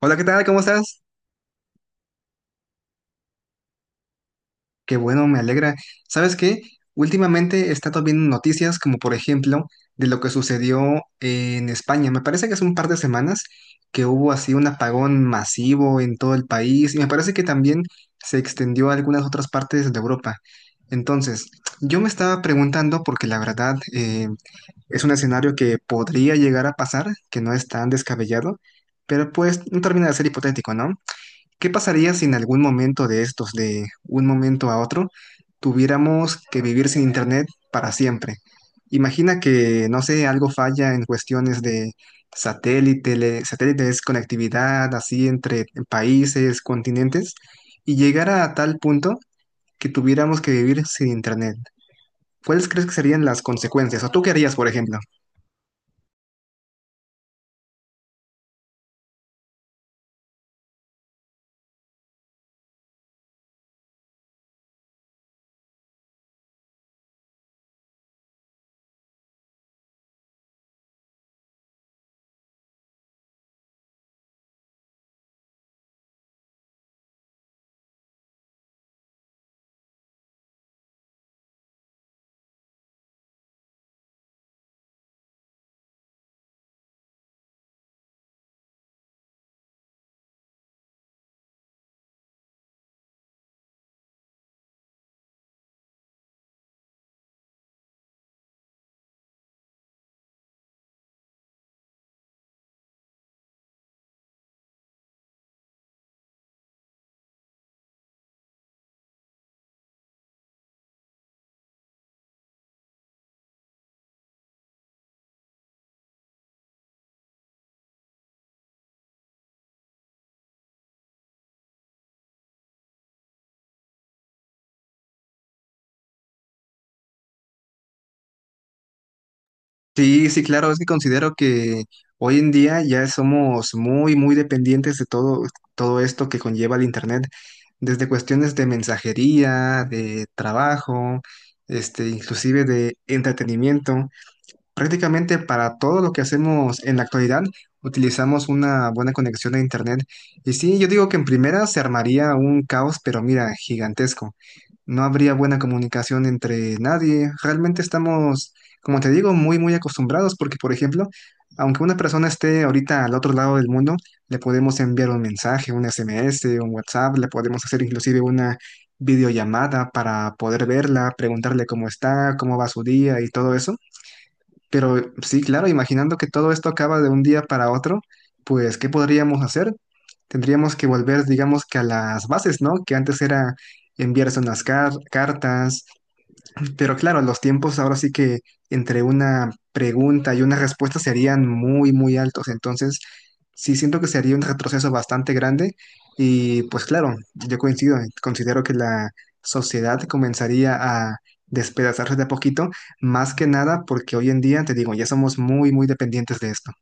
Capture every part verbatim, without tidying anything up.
Hola, ¿qué tal? ¿Cómo estás? Qué bueno, me alegra. ¿Sabes qué? Últimamente he estado viendo noticias como por ejemplo de lo que sucedió en España. Me parece que hace un par de semanas que hubo así un apagón masivo en todo el país y me parece que también se extendió a algunas otras partes de Europa. Entonces, yo me estaba preguntando porque la verdad eh, es un escenario que podría llegar a pasar, que no es tan descabellado, pero pues no termina de ser hipotético, ¿no? ¿Qué pasaría si en algún momento de estos, de un momento a otro, tuviéramos que vivir sin internet para siempre? Imagina que, no sé, algo falla en cuestiones de satélite, le- satélites, conectividad, así entre países, continentes, y llegara a tal punto que tuviéramos que vivir sin internet. ¿Cuáles crees que serían las consecuencias? ¿O tú qué harías, por ejemplo? Sí, sí, claro, es que considero que hoy en día ya somos muy, muy dependientes de todo, todo esto que conlleva el internet, desde cuestiones de mensajería, de trabajo, este, inclusive de entretenimiento. Prácticamente para todo lo que hacemos en la actualidad utilizamos una buena conexión a internet. Y sí, yo digo que en primera se armaría un caos, pero mira, gigantesco. No habría buena comunicación entre nadie. Realmente estamos, como te digo, muy, muy acostumbrados porque, por ejemplo, aunque una persona esté ahorita al otro lado del mundo, le podemos enviar un mensaje, un S M S, un WhatsApp, le podemos hacer inclusive una videollamada para poder verla, preguntarle cómo está, cómo va su día y todo eso. Pero sí, claro, imaginando que todo esto acaba de un día para otro, pues, ¿qué podríamos hacer? Tendríamos que volver, digamos que a las bases, ¿no? Que antes era enviarse unas car- cartas, pero claro, los tiempos ahora sí que entre una pregunta y una respuesta serían muy, muy altos. Entonces, sí siento que sería un retroceso bastante grande. Y pues claro, yo coincido, considero que la sociedad comenzaría a despedazarse de a poquito, más que nada porque hoy en día, te digo, ya somos muy, muy dependientes de esto.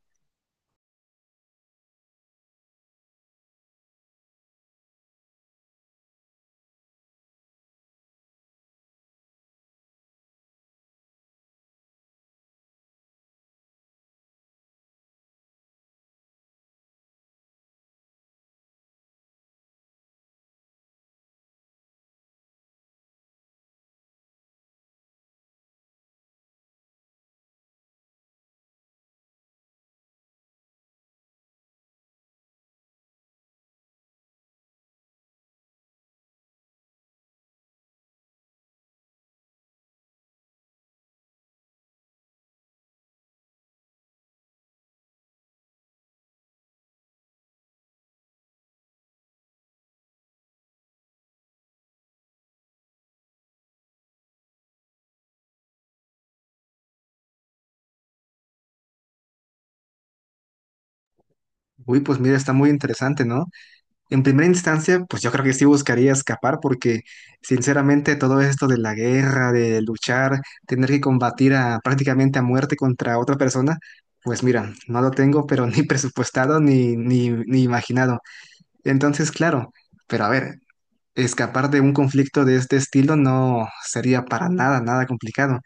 Uy, pues mira, está muy interesante, ¿no? En primera instancia, pues yo creo que sí buscaría escapar porque sinceramente todo esto de la guerra, de luchar, tener que combatir a, prácticamente a muerte contra otra persona, pues mira, no lo tengo pero ni presupuestado ni, ni, ni imaginado. Entonces, claro, pero a ver, escapar de un conflicto de este estilo no sería para nada, nada complicado.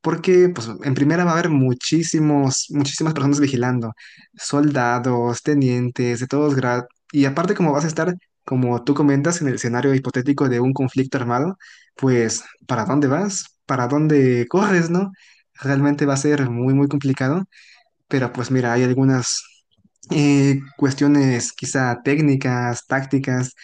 Porque, pues, en primera va a haber muchísimos, muchísimas personas vigilando, soldados, tenientes, de todos grados. Y aparte, como vas a estar, como tú comentas, en el escenario hipotético de un conflicto armado, pues, ¿para dónde vas? ¿Para dónde corres, no? Realmente va a ser muy, muy complicado. Pero pues mira, hay algunas eh, cuestiones quizá técnicas, tácticas,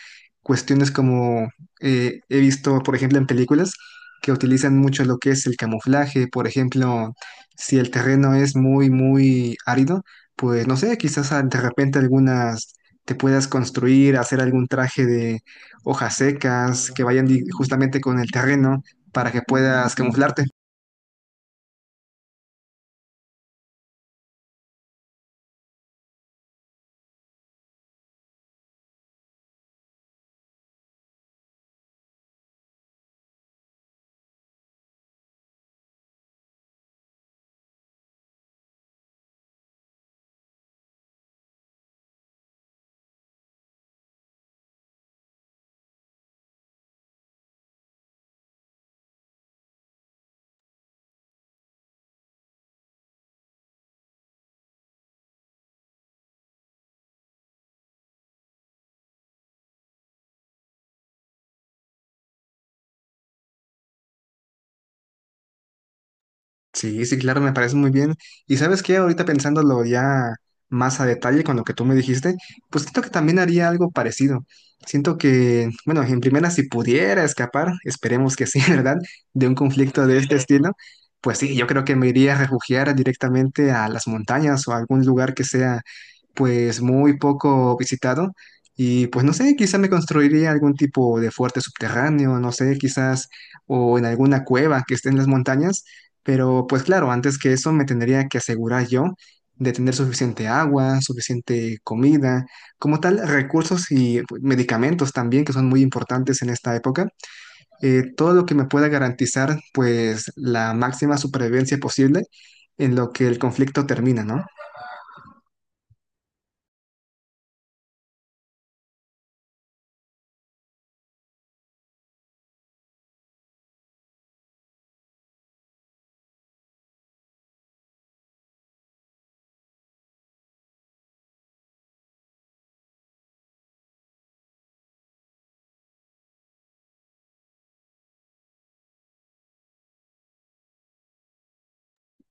cuestiones como eh, he visto, por ejemplo, en películas que utilizan mucho lo que es el camuflaje, por ejemplo, si el terreno es muy, muy árido, pues no sé, quizás ah, de repente algunas te puedas construir, hacer algún traje de hojas secas que vayan di- justamente con el terreno para que puedas camuflarte. Sí, sí, claro, me parece muy bien. Y sabes qué, ahorita pensándolo ya más a detalle con lo que tú me dijiste, pues siento que también haría algo parecido. Siento que, bueno, en primera, si pudiera escapar, esperemos que sí, ¿verdad? De un conflicto de este estilo, pues sí, yo creo que me iría a refugiar directamente a las montañas o a algún lugar que sea pues muy poco visitado y pues no sé, quizá me construiría algún tipo de fuerte subterráneo, no sé, quizás o en alguna cueva que esté en las montañas, pero pues claro, antes que eso me tendría que asegurar yo de tener suficiente agua, suficiente comida, como tal, recursos y pues, medicamentos también que son muy importantes en esta época. Eh, todo lo que me pueda garantizar pues la máxima supervivencia posible en lo que el conflicto termina, ¿no?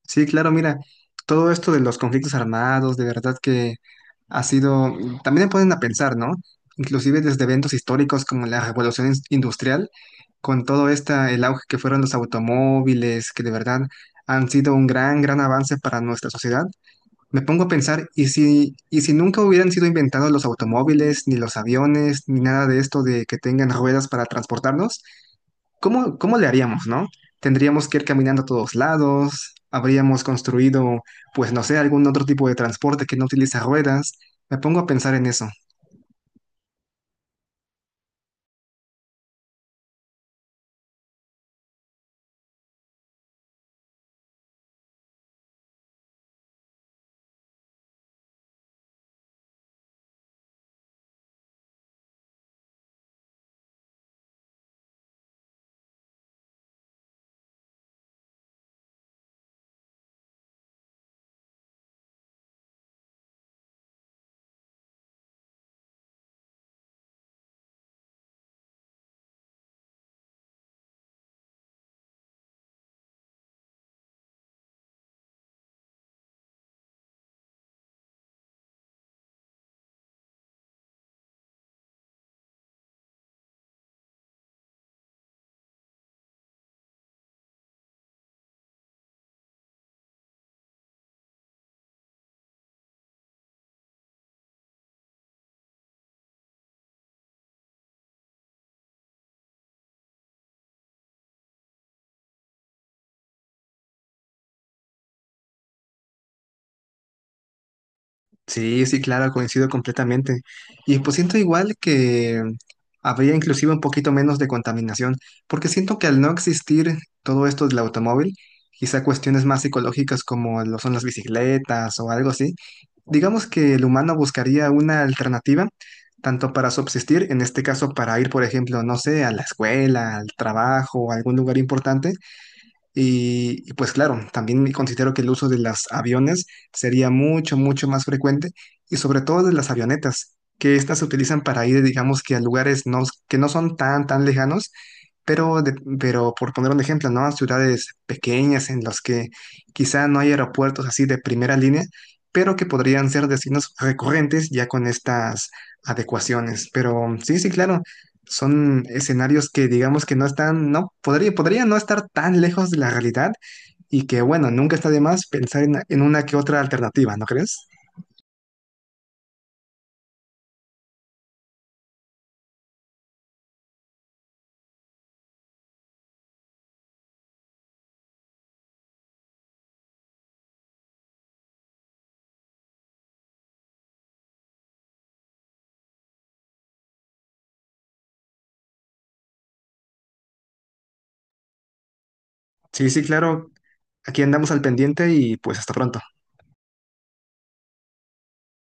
Sí, claro, mira, todo esto de los conflictos armados, de verdad que ha sido, mm, también me ponen a pensar, ¿no? Inclusive desde eventos históricos como la Revolución Ins- Industrial, con todo esta, el auge que fueron los automóviles, que de verdad han sido un gran, gran avance para nuestra sociedad. Me pongo a pensar, ¿y si, y si nunca hubieran sido inventados los automóviles, ni los aviones, ni nada de esto de que tengan ruedas para transportarnos? ¿Cómo, cómo le haríamos, no? Tendríamos que ir caminando a todos lados, habríamos construido, pues no sé, algún otro tipo de transporte que no utiliza ruedas. Me pongo a pensar en eso. Sí, sí, claro, coincido completamente. Y pues siento igual que habría inclusive un poquito menos de contaminación, porque siento que al no existir todo esto del automóvil, quizá cuestiones más psicológicas como lo son las bicicletas o algo así, digamos que el humano buscaría una alternativa tanto para subsistir, en este caso para ir, por ejemplo, no sé, a la escuela, al trabajo, a algún lugar importante, y, y, pues claro, también considero que el uso de los aviones sería mucho, mucho más frecuente y sobre todo de las avionetas, que estas se utilizan para ir, digamos que a lugares no, que no son tan, tan lejanos pero, de- pero por poner un ejemplo, ¿no? Ciudades pequeñas en las que quizá no hay aeropuertos así de primera línea, pero que podrían ser destinos recurrentes ya con estas adecuaciones. Pero sí, sí, claro, son escenarios que digamos que no están, no, podría, podría no estar tan lejos de la realidad y que, bueno, nunca está de más pensar en, en una que otra alternativa, ¿no crees? Sí, sí, claro, aquí andamos al pendiente y pues hasta pronto.